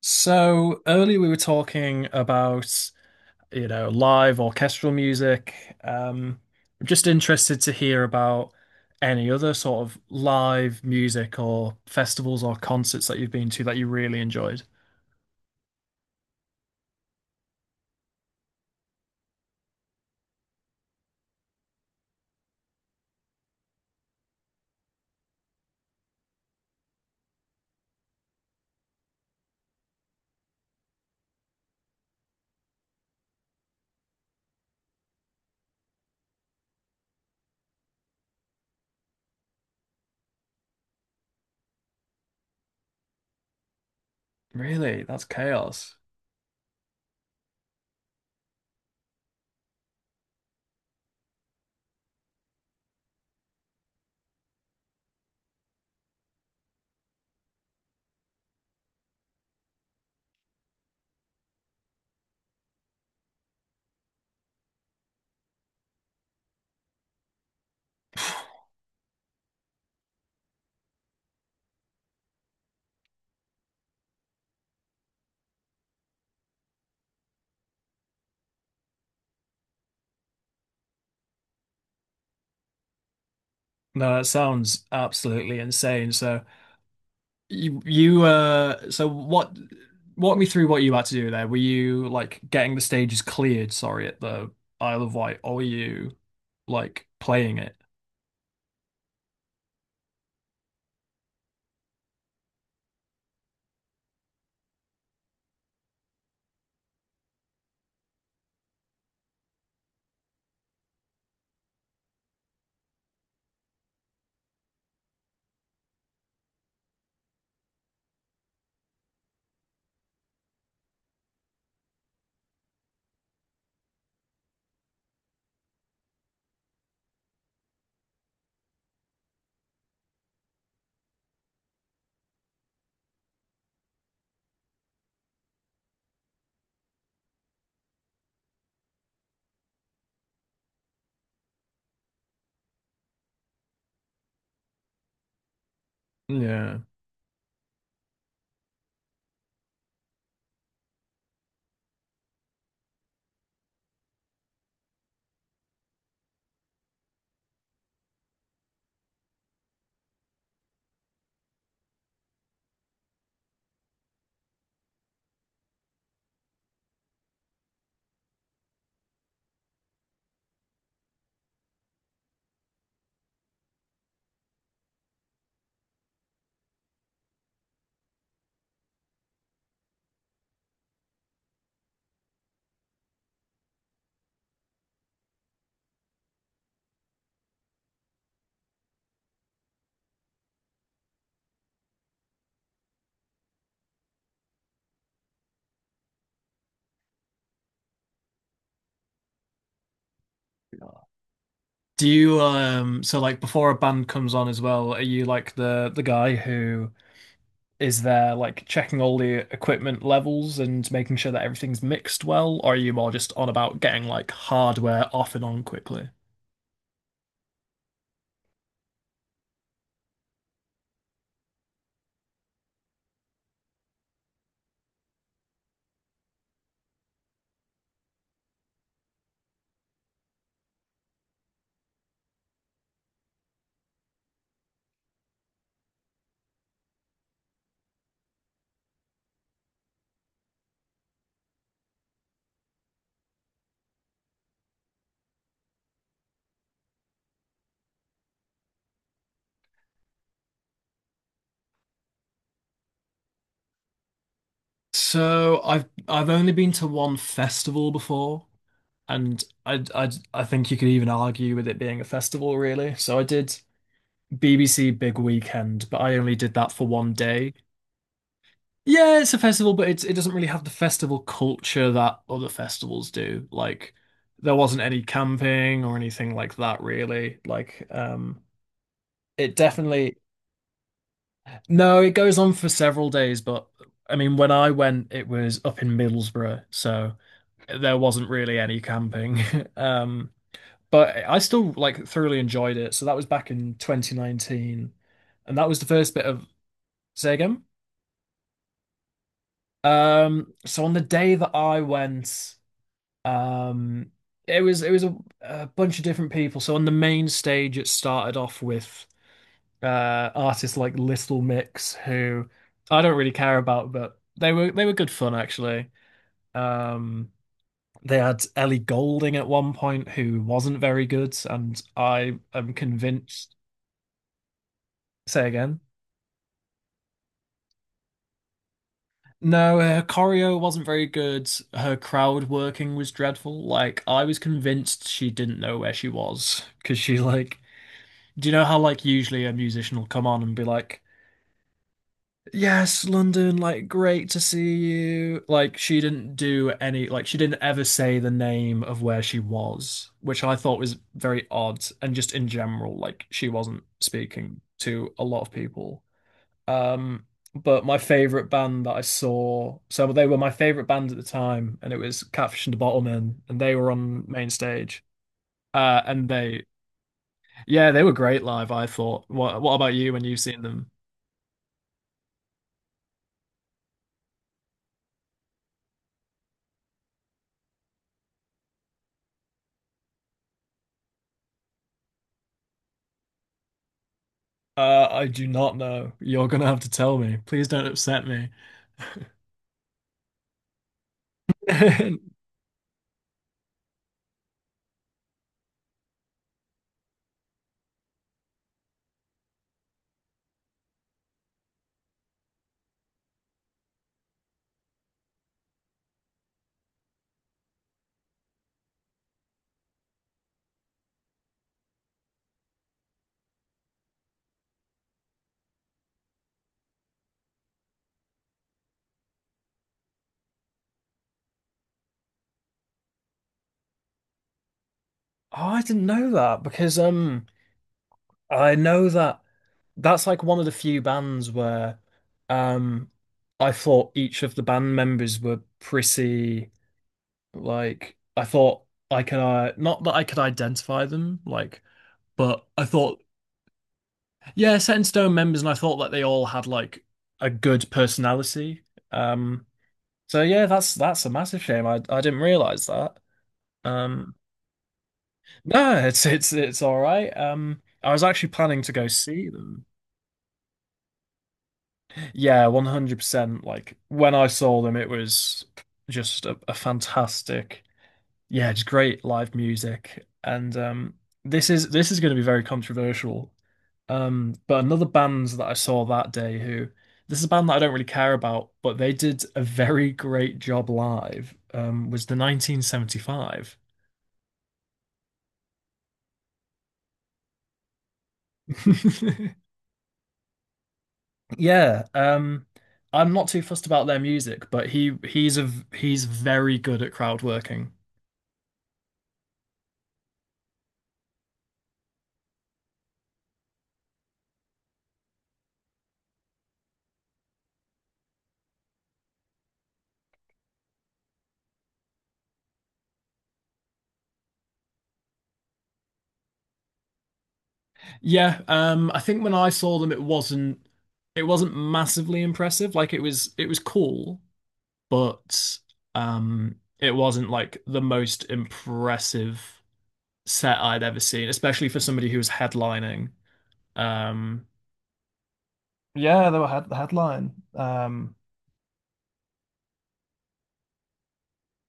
So earlier we were talking about, you know, live orchestral music. Um, I'm just interested to hear about any other sort of live music or festivals or concerts that you've been to that you really enjoyed. Really? That's chaos. No, that sounds absolutely insane. So you so what walk me through what you had to do there. Were you like getting the stages cleared, sorry, at the Isle of Wight, or were you like playing it? Yeah. Yeah. Do you so like before a band comes on as well, are you like the guy who is there like checking all the equipment levels and making sure that everything's mixed well, or are you more just on about getting like hardware off and on quickly? So I've only been to one festival before, and I think you could even argue with it being a festival really. So I did BBC Big Weekend, but I only did that for one day. Yeah, it's a festival, but it doesn't really have the festival culture that other festivals do. Like there wasn't any camping or anything like that really. Like it definitely No, it goes on for several days, but I mean when I went it was up in Middlesbrough, so there wasn't really any camping. Um but I still like thoroughly enjoyed it. So that was back in 2019 and that was the first bit of say again. So on the day that I went Um, it was a bunch of different people. So on the main stage, it started off with artists like Little Mix, who I don't really care about, but they were good fun actually. Um, they had Ellie Goulding at one point, who wasn't very good, and I am convinced. Say again. No, her choreo wasn't very good. Her crowd working was dreadful. Like, I was convinced she didn't know where she was because she like do you know how like usually a musician will come on and be like, "Yes, London, like great to see you." Like she didn't do any like she didn't ever say the name of where she was, which I thought was very odd and just in general like she wasn't speaking to a lot of people. Um but my favorite band that I saw, so they were my favorite band at the time and it was Catfish and the Bottlemen and they were on main stage. And they Yeah, they were great live, I thought. What about you when you've seen them? I do not know. You're gonna have to tell me. Please don't upset me. Oh, I didn't know that because I know that that's like one of the few bands where um I thought each of the band members were pretty like I thought I could not that I could identify them , but I thought. Yeah, set in stone members and I thought that they all had like a good personality. Um so yeah, that's a massive shame. I didn't realize that. Um, no, it's all right. I was actually planning to go see them. Yeah, 100%. Like when I saw them, it was just a fantastic, yeah, just great live music. And this is going to be very controversial. But another band that I saw that day, who this is a band that I don't really care about, but they did a very great job live. Was the 1975. Yeah, I'm not too fussed about their music, but he he's a v- he's very good at crowd working. Yeah, I think when I saw them, it wasn't massively impressive. Like it was cool, but it wasn't like the most impressive set I'd ever seen, especially for somebody who was headlining. Um, yeah, the headline.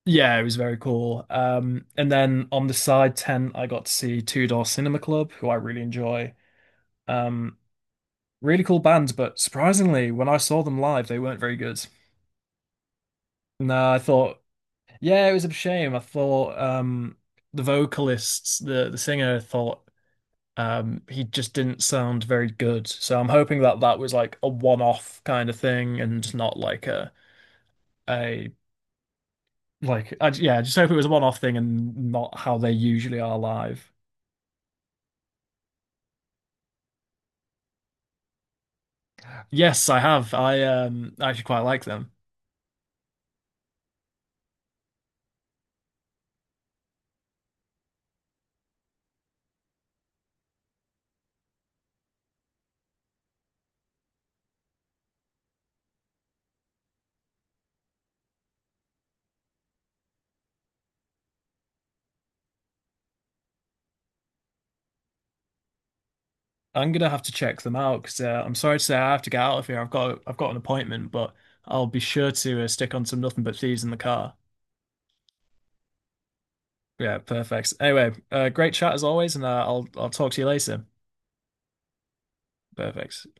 Yeah, it was very cool. And then on the side tent, I got to see Two Door Cinema Club, who I really enjoy. Um, really cool band, but surprisingly, when I saw them live, they weren't very good. No, I thought, yeah, it was a shame. I thought the vocalists, the singer, thought he just didn't sound very good. So I'm hoping that that was like a one-off kind of thing, and not like a yeah, I just hope it was a one-off thing and not how they usually are live. Yes, I have. I actually quite like them. I'm gonna have to check them out because I'm sorry to say I have to get out of here. I've got an appointment, but I'll be sure to stick on some nothing but thieves in the car. Yeah, perfect. Anyway, great chat as always, and uh, I'll talk to you later. Perfect.